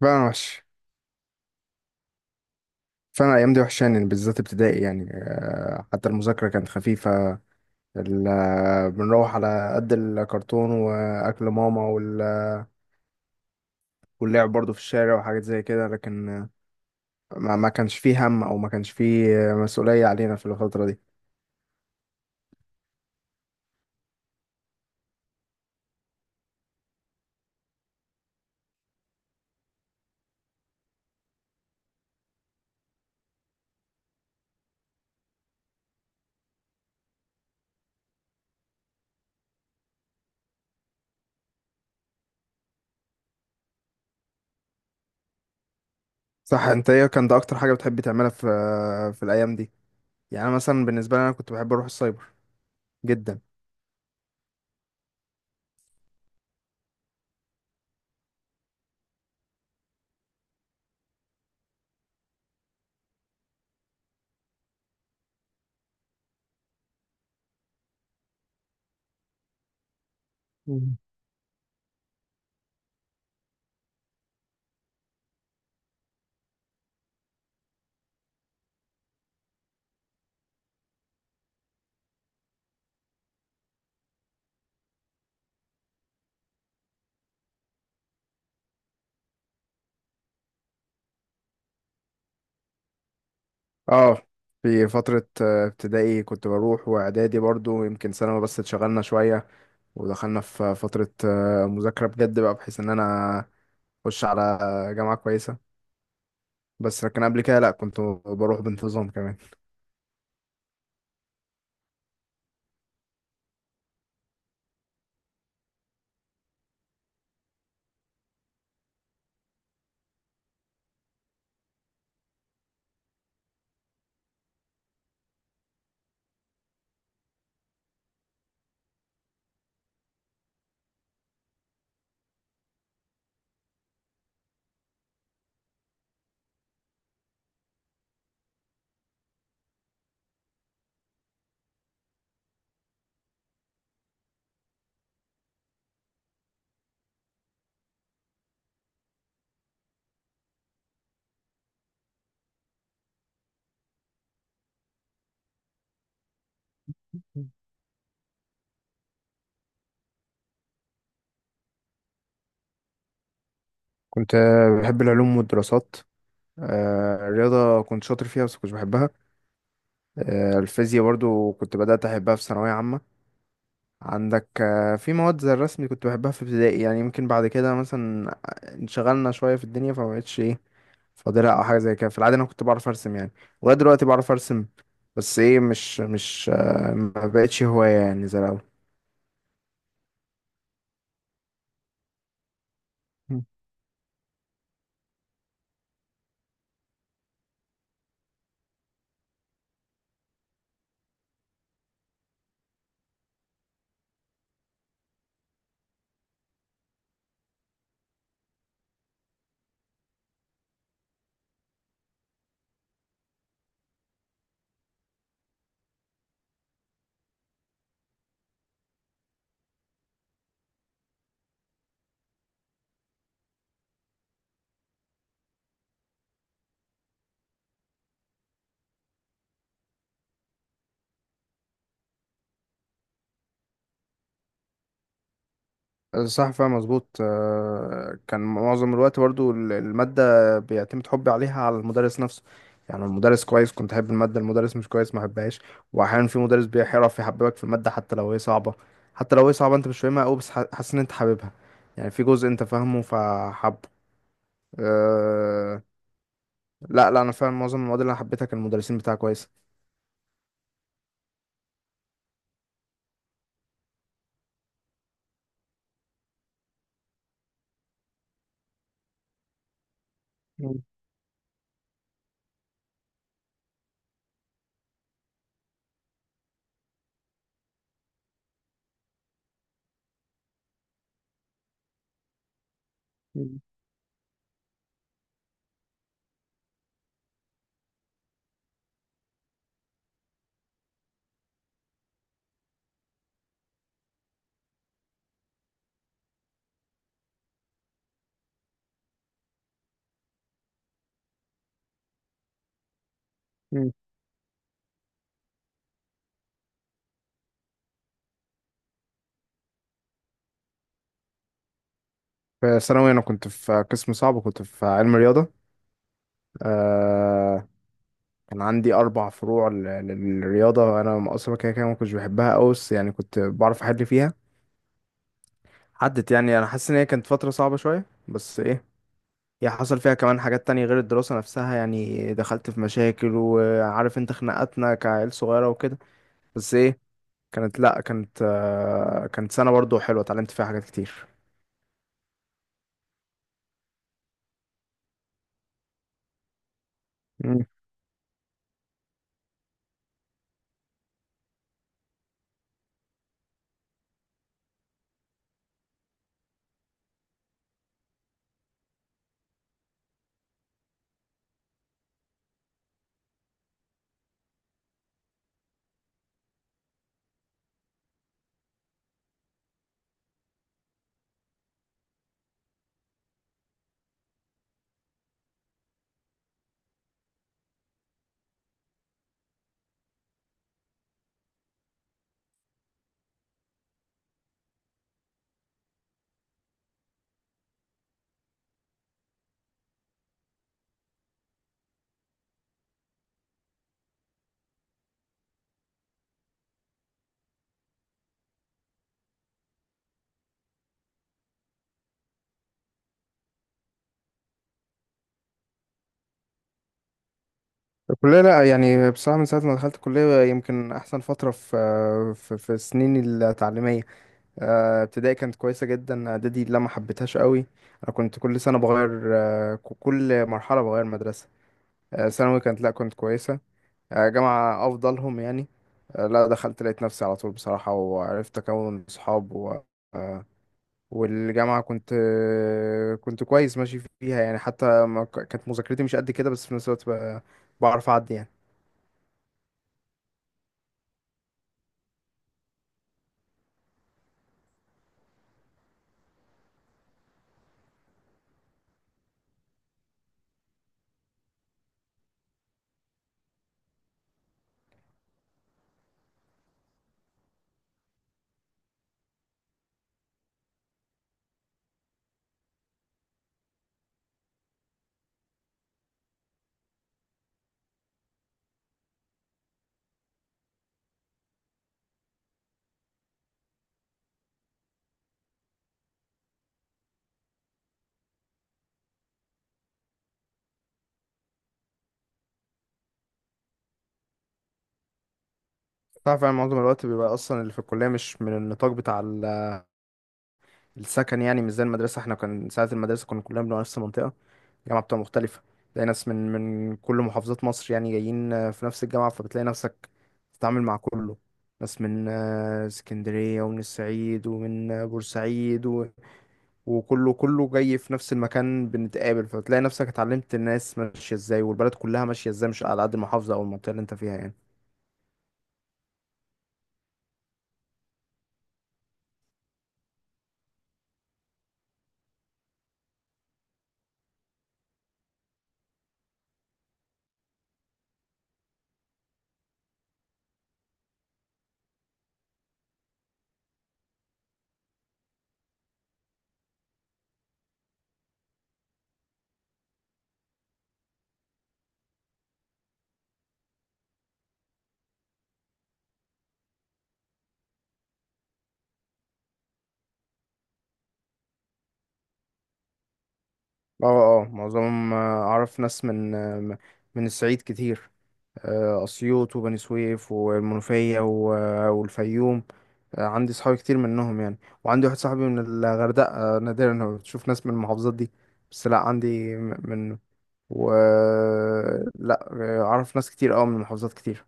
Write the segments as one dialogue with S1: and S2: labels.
S1: فعلا وحش. فعلا الأيام دي وحشاني، بالذات ابتدائي، يعني حتى المذاكرة كانت خفيفة. بنروح على قد الكرتون وأكل ماما واللعب برضو في الشارع وحاجات زي كده، لكن ما كانش فيه هم، أو ما كانش فيه مسؤولية علينا في الفترة دي. صح، أنت إيه كان ده أكتر حاجة بتحب تعملها في في الأيام دي؟ يعني أنا مثلا بالنسبة لي أنا كنت بحب أروح السايبر جدا. اه، في فترة ابتدائي كنت بروح، واعدادي برضو، يمكن ثانوي بس اتشغلنا شوية ودخلنا في فترة مذاكرة بجد، بقى بحيث ان انا اخش على جامعة كويسة، بس لكن قبل كده لا كنت بروح بانتظام كمان. كنت بحب العلوم والدراسات، الرياضة كنت شاطر فيها بس كنتش بحبها. الفيزياء برضو كنت بدأت أحبها في ثانوية عامة. عندك في مواد زي الرسم كنت بحبها في ابتدائي، يعني يمكن بعد كده مثلا انشغلنا شوية في الدنيا فمبقتش ايه فاضلها او حاجه زي كده. في العاده انا كنت بعرف ارسم، يعني ولغايه دلوقتي بعرف ارسم، بس ايه مش مش آه، ما بقتش هوايه يعني زي الاول. مم. صح، فاهم مظبوط. كان معظم الوقت برضو المادة بيعتمد حبي عليها على المدرس نفسه. يعني المدرس كويس كنت أحب المادة، المدرس مش كويس ما أحبهاش. وأحيانا في مدرس بيعرف يحببك في المادة حتى لو هي صعبة، حتى لو هي صعبة أنت مش فاهمها أوي، بس حاسس إن أنت حاببها، يعني في جزء أنت فاهمه فحبه. لا لا، انا فعلا معظم المواد اللي انا حبيتها كان المدرسين بتاعها كويسه. مم. مم. مم. في ثانوي انا كنت في قسم صعب وكنت في علم رياضه. آه، كان عندي اربع فروع للرياضه. انا اصلا كده كده ما كنتش بحبها قوي، بس يعني كنت بعرف احل فيها. عدت، يعني انا حاسس ان هي كانت فتره صعبه شويه، بس ايه هي حصل فيها كمان حاجات تانية غير الدراسة نفسها، يعني دخلت في مشاكل، وعارف انت خناقاتنا كعيل صغيرة وكده. بس ايه كانت، لا كانت آه، كانت سنة برضو حلوة اتعلمت فيها حاجات كتير. الكلية لا، يعني بصراحة من ساعة ما دخلت الكلية يمكن أحسن فترة في في سنيني التعليمية. ابتدائي كانت كويسة جدا، إعدادي لا ما حبيتهاش قوي، أنا كنت كل سنة بغير كل مرحلة بغير مدرسة. ثانوي كانت، لا كنت كويسة. جامعة أفضلهم يعني. لا دخلت لقيت نفسي على طول بصراحة، وعرفت أكون صحاب، و آه، والجامعة كنت كنت كويس ماشي فيها، يعني حتى ما كانت مذاكرتي مش قد كده، بس في نفس الوقت بعرف أعدي يعني. صح فعلا. معظم الوقت بيبقى اصلا اللي في الكليه مش من النطاق بتاع السكن، يعني مش زي المدرسه. احنا كان ساعه المدرسه كنا كلنا بنبقى نفس المنطقه، الجامعه بتبقى مختلفه، تلاقي ناس من كل محافظات مصر يعني جايين في نفس الجامعه، فبتلاقي نفسك بتتعامل مع كله. ناس من اسكندريه، ومن الصعيد، ومن بورسعيد، و... وكله كله جاي في نفس المكان بنتقابل، فبتلاقي نفسك اتعلمت الناس ماشيه ازاي والبلد كلها ماشيه ازاي، مش على قد المحافظه او المنطقه اللي انت فيها يعني. اه. اه، معظمهم اعرف ناس من من الصعيد كتير، اسيوط وبني سويف والمنوفية والفيوم. عندي صحابي كتير منهم يعني، وعندي واحد صاحبي من الغردقة. نادرا ما بتشوف ناس من المحافظات دي. بس لا عندي من، و لا اعرف ناس كتير اوي من محافظات كتير.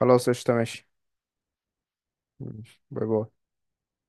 S1: خلاص، قشطة، ماشي. ماشي. باي باي.